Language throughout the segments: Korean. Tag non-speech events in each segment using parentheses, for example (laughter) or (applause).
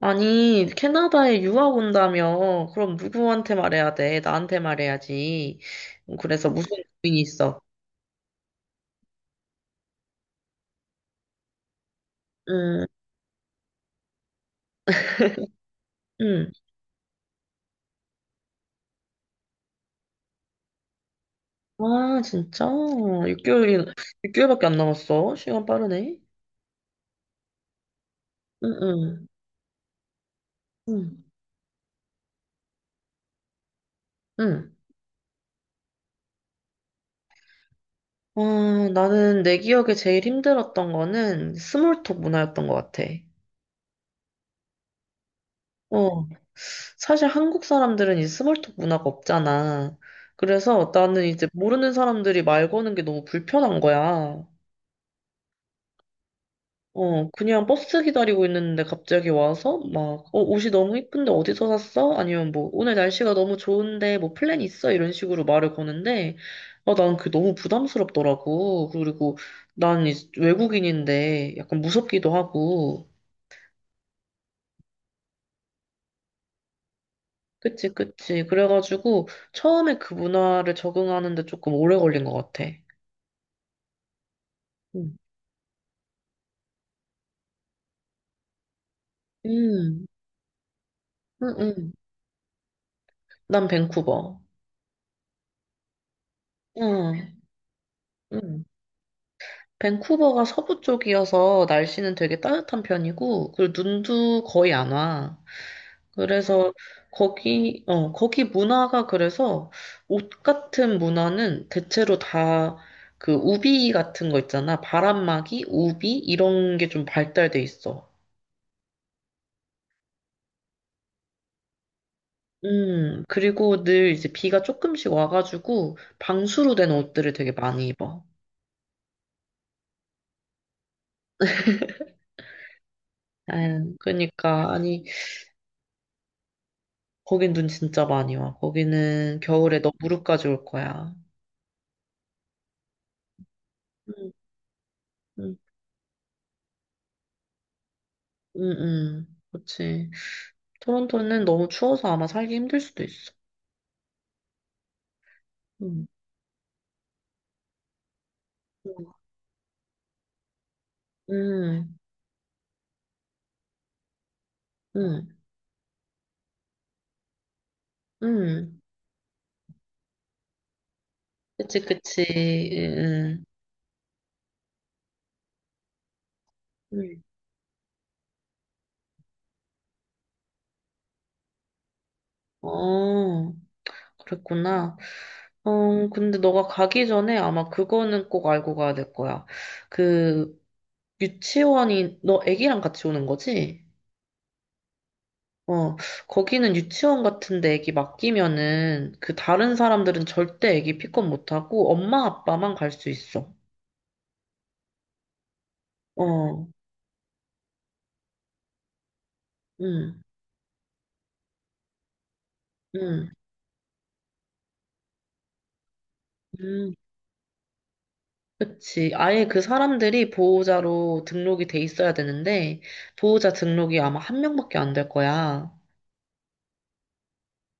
아니, 캐나다에 유학 온다며. 그럼 누구한테 말해야 돼? 나한테 말해야지. 그래서 무슨 고민이 있어? 응, 응. 아, 진짜? 6개월, 육개월밖에 안 남았어. 시간 빠르네. 응, 응, 응, 응. 아, 나는 내 기억에 제일 힘들었던 거는 스몰톡 문화였던 것 같아. 어, 사실 한국 사람들은 이 스몰톡 문화가 없잖아. 그래서 나는 이제 모르는 사람들이 말 거는 게 너무 불편한 거야. 어, 그냥 버스 기다리고 있는데 갑자기 와서 막, 어, 옷이 너무 이쁜데 어디서 샀어? 아니면 뭐, 오늘 날씨가 너무 좋은데 뭐 플랜 있어? 이런 식으로 말을 거는데, 아, 난 그게 너무 부담스럽더라고. 그리고 난 이제 외국인인데 약간 무섭기도 하고. 그치, 그치. 그래가지고 처음에 그 문화를 적응하는데 조금 오래 걸린 것 같아. 응, 응, 응. 응. 난 밴쿠버. 응, 응. 밴쿠버가 서부 쪽이어서 날씨는 되게 따뜻한 편이고, 그리고 눈도 거의 안 와. 그래서 거기 문화가 그래서 옷 같은 문화는 대체로 다 그 우비 같은 거 있잖아. 바람막이, 우비, 이런 게 좀 발달돼 있어. 그리고 늘 이제 비가 조금씩 와가지고 방수로 된 옷들을 되게 많이 입어. 아유, 그러니까 아니 거긴 눈 진짜 많이 와. 거기는 겨울에 너 무릎까지 올 거야. 음, 음, 그치. 토론토는 너무 추워서 아마 살기 힘들 수도 있어. 음, 음, 음, 음. 그치, 그치. 음, 음. 어, 그랬구나. 어, 근데 너가 가기 전에 아마 그거는 꼭 알고 가야 될 거야. 그, 유치원이, 너 애기랑 같이 오는 거지? 어, 거기는 유치원 같은데 애기 맡기면은 그 다른 사람들은 절대 애기 픽업 못하고 엄마 아빠만 갈 수 있어. 어, 음, 음, 음. 그치. 아예 그 사람들이 보호자로 등록이 돼 있어야 되는데 보호자 등록이 아마 한 명밖에 안 될 거야.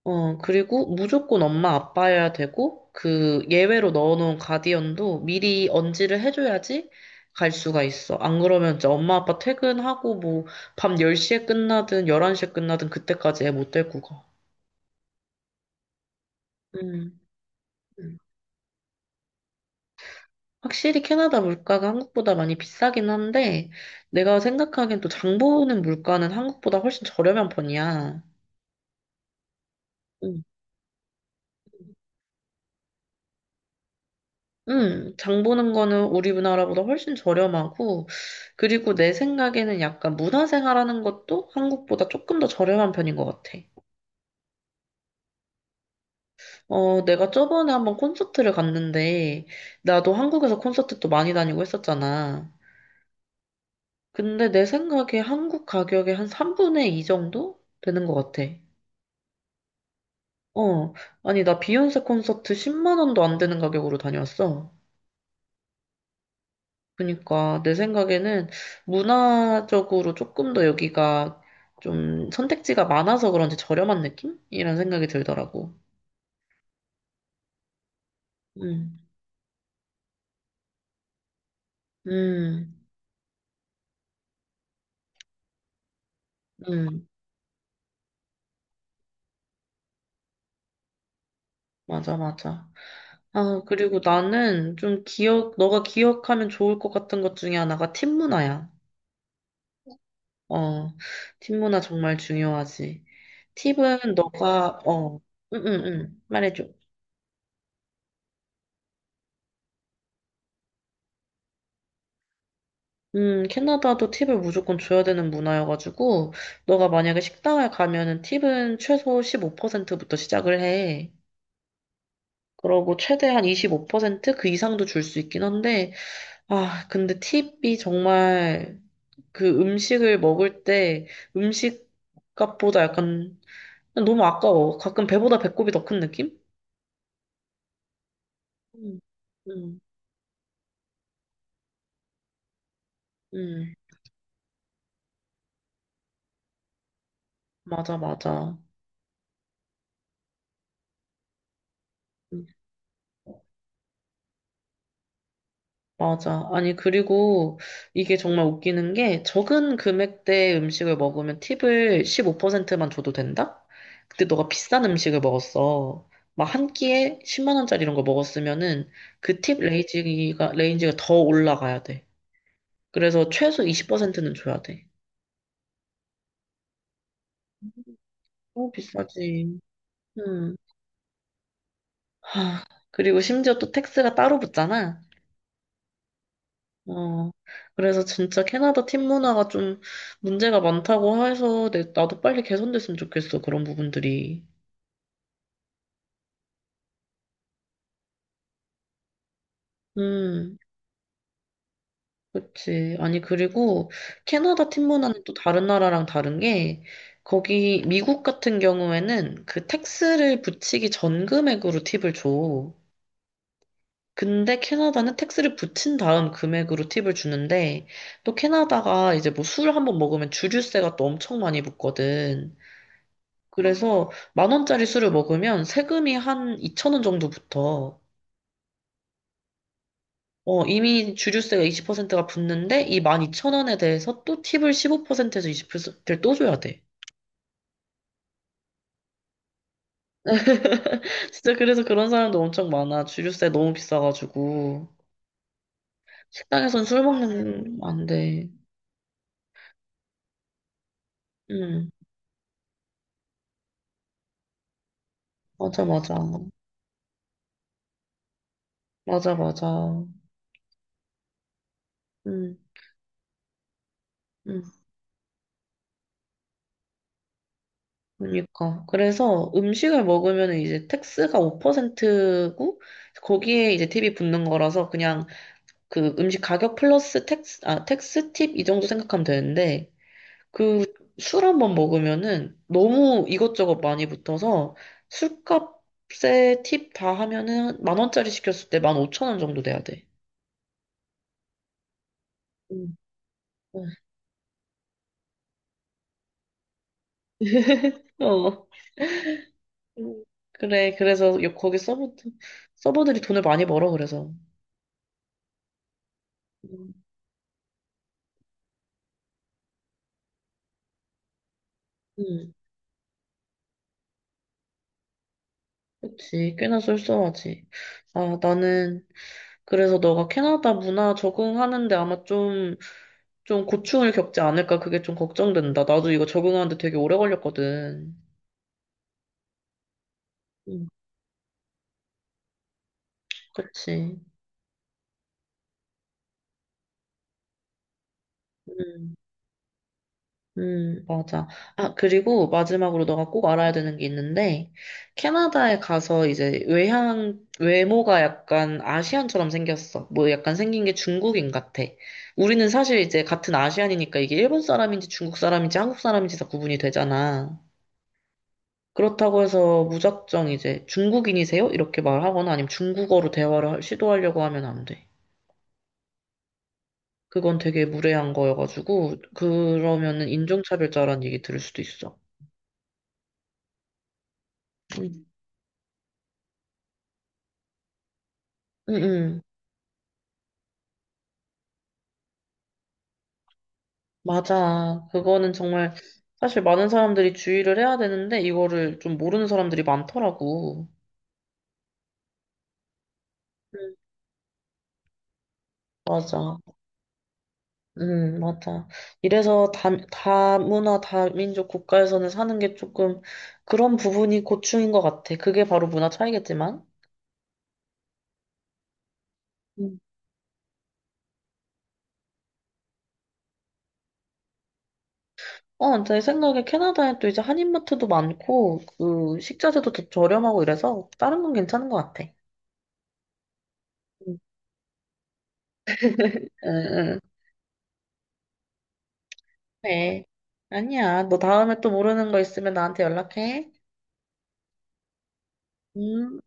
어, 그리고 무조건 엄마 아빠여야 되고, 그 예외로 넣어놓은 가디언도 미리 언지를 해줘야지 갈 수가 있어. 안 그러면 이제 엄마 아빠 퇴근하고 뭐 밤 10시에 끝나든 11시에 끝나든 그때까지 애 못 데리고 가. 음. 음. 확실히 캐나다 물가가 한국보다 많이 비싸긴 한데, 내가 생각하기엔 또 장 보는 물가는 한국보다 훨씬 저렴한 편이야. 음. 장 보는 거는 우리 나라보다 훨씬 저렴하고, 그리고 내 생각에는 약간 문화생활하는 것도 한국보다 조금 더 저렴한 편인 것 같아. 어, 내가 저번에 한번 콘서트를 갔는데, 나도 한국에서 콘서트 또 많이 다니고 했었잖아. 근데 내 생각에 한국 가격의 한 3분의 2 정도 되는 것 같아. 어, 아니, 나 비욘세 콘서트 10만 원도 안 되는 가격으로 다녀왔어. 그러니까 내 생각에는 문화적으로 조금 더 여기가 좀 선택지가 많아서 그런지 저렴한 느낌? 이런 생각이 들더라고. 음, 음, 음, 맞아, 맞아. 아, 그리고 나는 좀 기억, 너가 기억하면 좋을 것 같은 것 중에 하나가 팀 문화야. 어, 팀 문화 정말 중요하지. 팁은 너가, 어, 응, 응, 응, 말해줘. 캐나다도 팁을 무조건 줘야 되는 문화여가지고, 너가 만약에 식당을 가면은 팁은 최소 15%부터 시작을 해. 그러고 최대한 25% 그 이상도 줄 수 있긴 한데, 아, 근데 팁이 정말 그 음식을 먹을 때 음식 값보다 약간 너무 아까워. 가끔 배보다 배꼽이 더 큰 느낌? 음, 음, 음, 맞아, 맞아. 음. 맞아. 아니, 그리고 이게 정말 웃기는 게 적은 금액대 음식을 먹으면 팁을 15%만 줘도 된다? 근데 너가 비싼 음식을 먹었어. 막 한 끼에 10만 원짜리 이런 거 먹었으면은 그 팁 레인지가 더 올라가야 돼. 그래서 최소 20%는 줘야 돼. 너무 비싸지. 음. 하, 그리고 심지어 또 텍스가 따로 붙잖아. 어, 그래서 진짜 캐나다 팀 문화가 좀 문제가 많다고 해서 나도 빨리 개선됐으면 좋겠어, 그런 부분들이. 음, 그치. 아니, 그리고 캐나다 팀 문화는 또 다른 나라랑 다른 게, 거기 미국 같은 경우에는 그 택스를 붙이기 전 금액으로 팁을 줘. 근데 캐나다는 택스를 붙인 다음 금액으로 팁을 주는데, 또 캐나다가 이제 뭐 술 한 번 먹으면 주류세가 또 엄청 많이 붙거든. 그래서 만 원짜리 술을 먹으면 세금이 한 2천 원 정도 붙어. 어, 이미 주류세가 20%가 붙는데 이만2천원에 대해서 또 팁을 15%에서 20%를 또 줘야 돼. (laughs) 진짜 그래서 그런 사람도 엄청 많아. 주류세 너무 비싸가지고. 식당에선 술 먹는 안 돼. 응, 맞아, 맞아. 맞아, 맞아. 응, 응. 그러니까. 그래서 음식을 먹으면 이제 택스가 5%고 거기에 이제 팁이 붙는 거라서 그냥 그 음식 가격 플러스 텍스, 아, 텍스 팁 이 정도 생각하면 되는데, 그 술 한번 먹으면은 너무 이것저것 많이 붙어서 술값에 팁 다 하면은 만 원짜리 시켰을 때 만 오천 원 정도 돼야 돼. 음. (laughs) 어. 음. 그래, 그래서 거기 서버들이 돈을 많이 벌어, 그래서. 음, 음. 그치. 꽤나 쏠쏠하지. 아, 나는, 그래서 너가 캐나다 문화 적응하는데 아마 좀 좀 고충을 겪지 않을까 그게 좀 걱정된다. 나도 이거 적응하는데 되게 오래 걸렸거든. 음, 그치. 음, 맞아. 아, 그리고 마지막으로 너가 꼭 알아야 되는 게 있는데, 캐나다에 가서 이제 외향, 외모가 약간 아시안처럼 생겼어. 뭐 약간 생긴 게 중국인 같아. 우리는 사실 이제 같은 아시안이니까 이게 일본 사람인지 중국 사람인지 한국 사람인지 다 구분이 되잖아. 그렇다고 해서 무작정 이제 중국인이세요? 이렇게 말하거나 아니면 중국어로 대화를 시도하려고 하면 안 돼. 그건 되게 무례한 거여가지고, 그러면은 인종차별자라는 얘기 들을 수도 있어. 응, 응, 응. 맞아. 그거는 정말 사실 많은 사람들이 주의를 해야 되는데, 이거를 좀 모르는 사람들이 많더라고. 응, 맞아. 응, 맞아. 이래서 다문화, 다민족 국가에서는 사는 게 조금 그런 부분이 고충인 것 같아. 그게 바로 문화 차이겠지만. 음. 어, 제 생각에 캐나다에 또 이제 한인마트도 많고, 그, 식자재도 더 저렴하고 이래서, 다른 건 괜찮은 것 같아. 음. 응, 응. 네. 아니야. 너 다음에 또 모르는 거 있으면 나한테 연락해. 음.